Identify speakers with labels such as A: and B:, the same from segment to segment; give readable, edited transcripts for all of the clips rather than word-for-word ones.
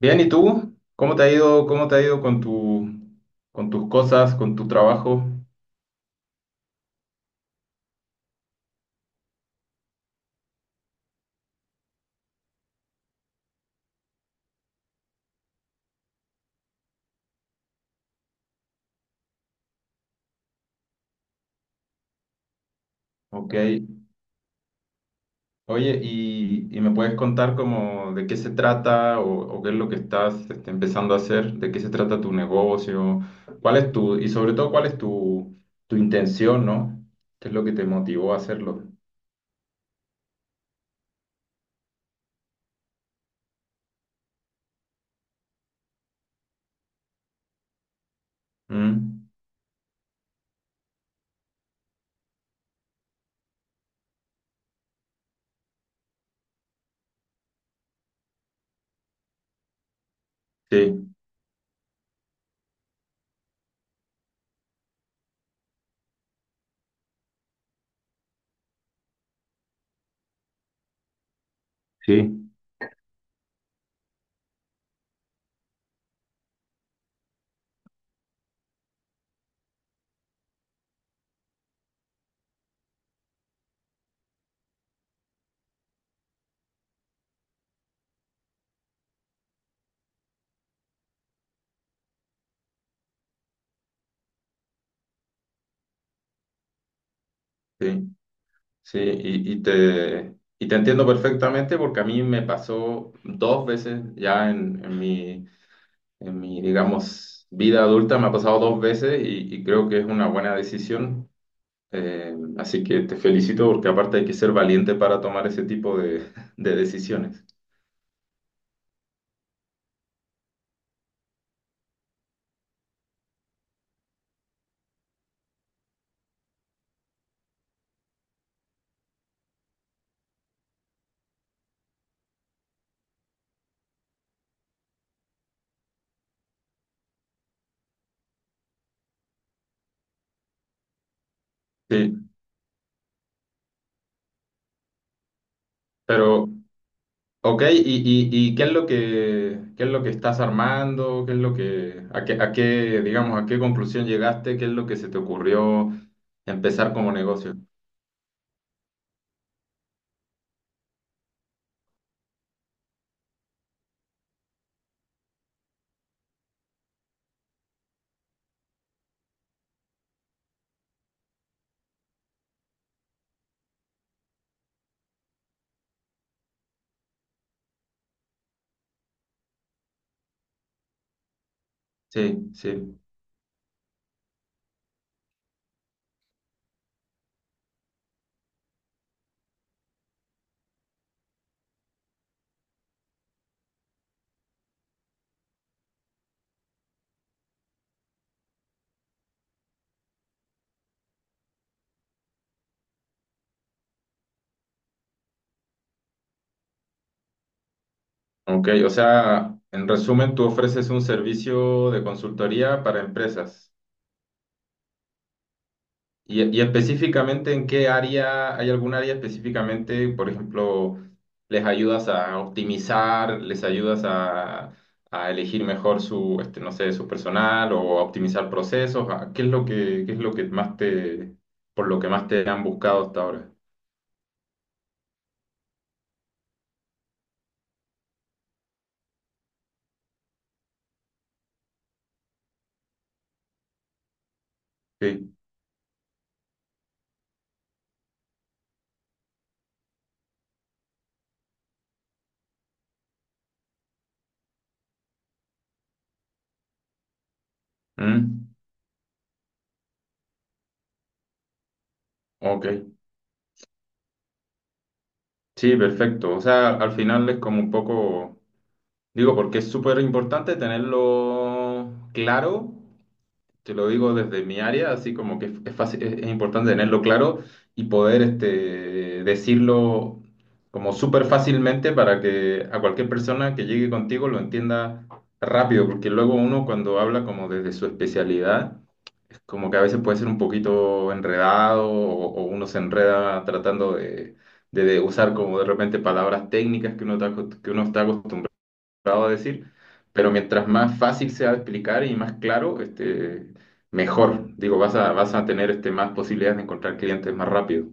A: Bien, ¿y tú? ¿Cómo te ha ido, cómo te ha ido con tus cosas, con tu trabajo? Ok. Oye, ¿y me puedes contar como de qué se trata o qué es lo que estás este, empezando a hacer? ¿De qué se trata tu negocio? ¿Cuál es tu, y sobre todo, cuál es tu, tu intención, ¿no? ¿Qué es lo que te motivó a hacerlo? Mm. Sí. Sí. Sí, sí, y te entiendo perfectamente porque a mí me pasó dos veces ya en mi, en mi, digamos, vida adulta me ha pasado dos veces y creo que es una buena decisión. Así que te felicito porque aparte hay que ser valiente para tomar ese tipo de, de decisiones. Sí, pero, ok, y qué es lo que, qué es lo que estás armando? ¿Qué es lo que, a qué, digamos, a qué conclusión llegaste? ¿Qué es lo que se te ocurrió empezar como negocio? Sí, sí. Ok, o sea, en resumen, tú ofreces un servicio de consultoría para empresas. Y específicamente en qué área, ¿hay algún área específicamente? Por ejemplo, les ayudas a optimizar, les ayudas a elegir mejor su, este, no sé, su personal o a optimizar procesos. Qué es lo que, qué es lo que más te, por lo que más te han buscado hasta ahora? Sí. Mm, ok. Sí, perfecto. O sea, al final es como un poco, digo, porque es súper importante tenerlo claro. Te lo digo desde mi área, así como que es fácil, es importante tenerlo claro y poder este, decirlo como súper fácilmente para que a cualquier persona que llegue contigo lo entienda rápido, porque luego uno cuando habla como desde su especialidad, es como que a veces puede ser un poquito enredado o uno se enreda tratando de, de usar como de repente palabras técnicas que uno está, que uno está acostumbrado a decir, pero mientras más fácil sea de explicar y más claro, este, mejor. Digo, vas a tener este, más posibilidades de encontrar clientes más rápido.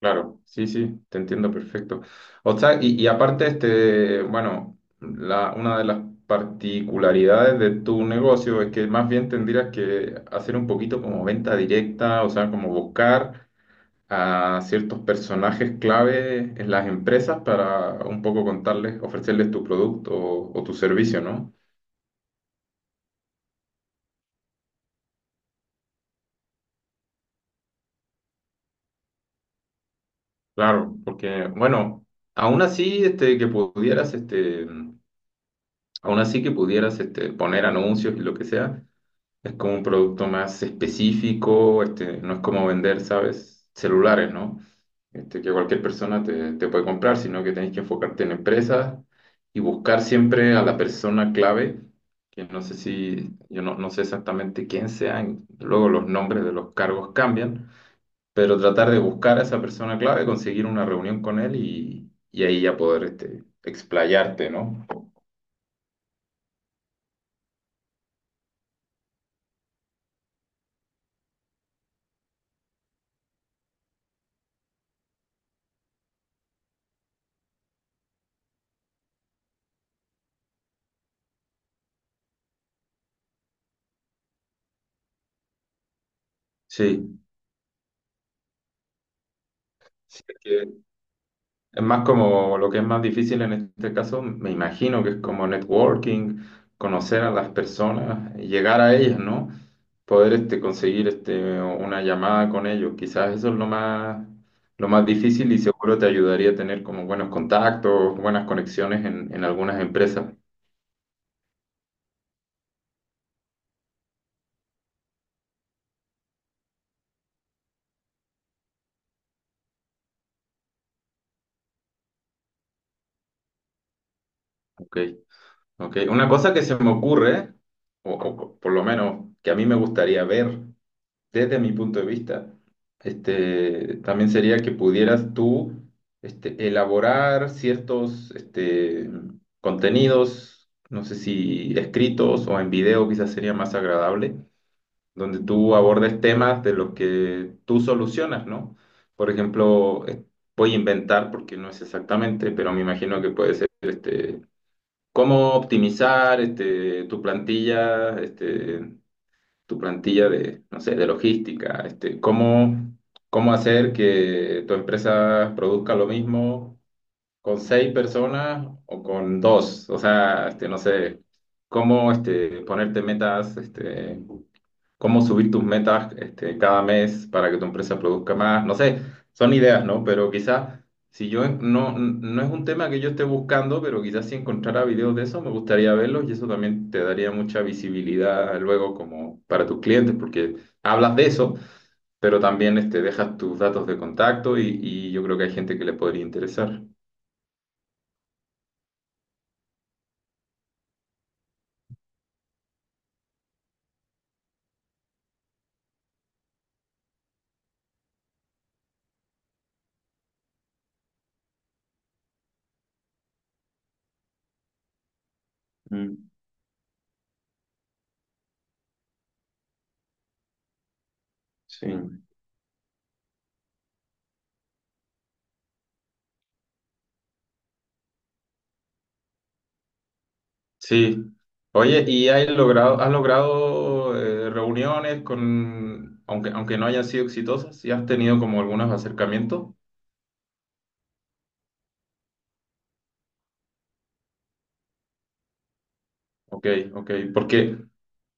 A: Claro, sí, sí, te entiendo perfecto. O sea, y aparte, este, bueno, la, una de las particularidades de tu negocio es que más bien tendrías que hacer un poquito como venta directa, o sea, como buscar a ciertos personajes clave en las empresas para un poco contarles, ofrecerles tu producto o tu servicio, ¿no? Claro, porque, bueno, aún así este, que pudieras, este, aún así que pudieras este, poner anuncios y lo que sea. Es como un producto más específico, este, no es como vender, ¿sabes? Celulares, ¿no? Este, que cualquier persona te, te puede comprar, sino que tenés que enfocarte en empresas y buscar siempre a la persona clave, que no sé si, yo no, no sé exactamente quién sean, luego los nombres de los cargos cambian, pero tratar de buscar a esa persona clave, conseguir una reunión con él y ahí ya poder este, explayarte, ¿no? Sí, sí. Es más como lo que es más difícil en este caso, me imagino que es como networking, conocer a las personas, llegar a ellas, ¿no? Poder este, conseguir este, una llamada con ellos. Quizás eso es lo más difícil y seguro te ayudaría a tener como buenos contactos, buenas conexiones en algunas empresas. Ok, ok. Una cosa que se me ocurre, o por lo menos que a mí me gustaría ver desde mi punto de vista, este, también sería que pudieras tú este, elaborar ciertos este, contenidos, no sé si escritos o en video quizás sería más agradable, donde tú abordes temas de los que tú solucionas, ¿no? Por ejemplo, voy a inventar porque no es exactamente, pero me imagino que puede ser este, cómo optimizar este, tu plantilla de, no sé, de logística, este, cómo, cómo hacer que tu empresa produzca lo mismo con seis personas o con dos, o sea, este, no sé, cómo este, ponerte metas este, cómo subir tus metas este, cada mes para que tu empresa produzca más. No sé, son ideas, ¿no? Pero quizás, si yo no, no es un tema que yo esté buscando, pero quizás si encontrara videos de eso, me gustaría verlos y eso también te daría mucha visibilidad luego como para tus clientes, porque hablas de eso, pero también este, dejas tus datos de contacto y yo creo que hay gente que le podría interesar. Mm. Sí. Sí. Oye, ¿y has logrado reuniones con, aunque, aunque no hayan sido exitosas, y has tenido como algunos acercamientos? Ok, ok. Porque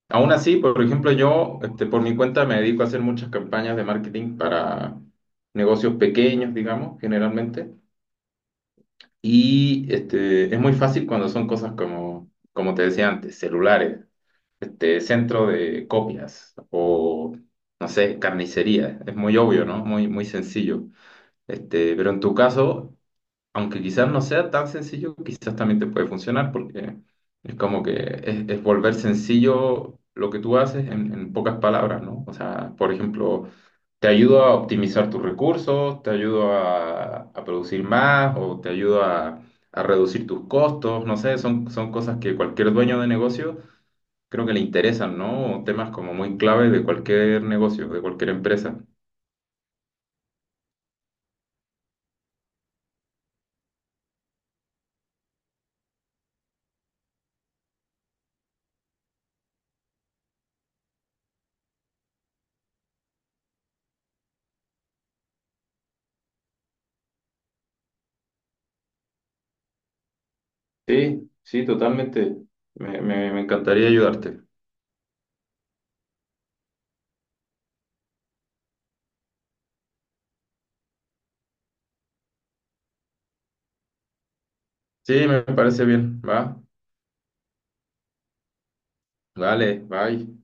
A: aún así, por ejemplo, yo este, por mi cuenta me dedico a hacer muchas campañas de marketing para negocios pequeños, digamos, generalmente. Y este, es muy fácil cuando son cosas como, como te decía antes, celulares. Este, centro de copias o, no sé, carnicería. Es muy obvio, ¿no? Muy, muy sencillo. Este, pero en tu caso, aunque quizás no sea tan sencillo, quizás también te puede funcionar porque es como que es volver sencillo lo que tú haces en pocas palabras, ¿no? O sea, por ejemplo, te ayudo a optimizar tus recursos, te ayudo a producir más o te ayudo a reducir tus costos, no sé, son, son cosas que cualquier dueño de negocio creo que le interesan, ¿no? Temas como muy claves de cualquier negocio, de cualquier empresa. Sí, sí, totalmente. Me encantaría ayudarte. Sí, me parece bien. Va, vale, bye.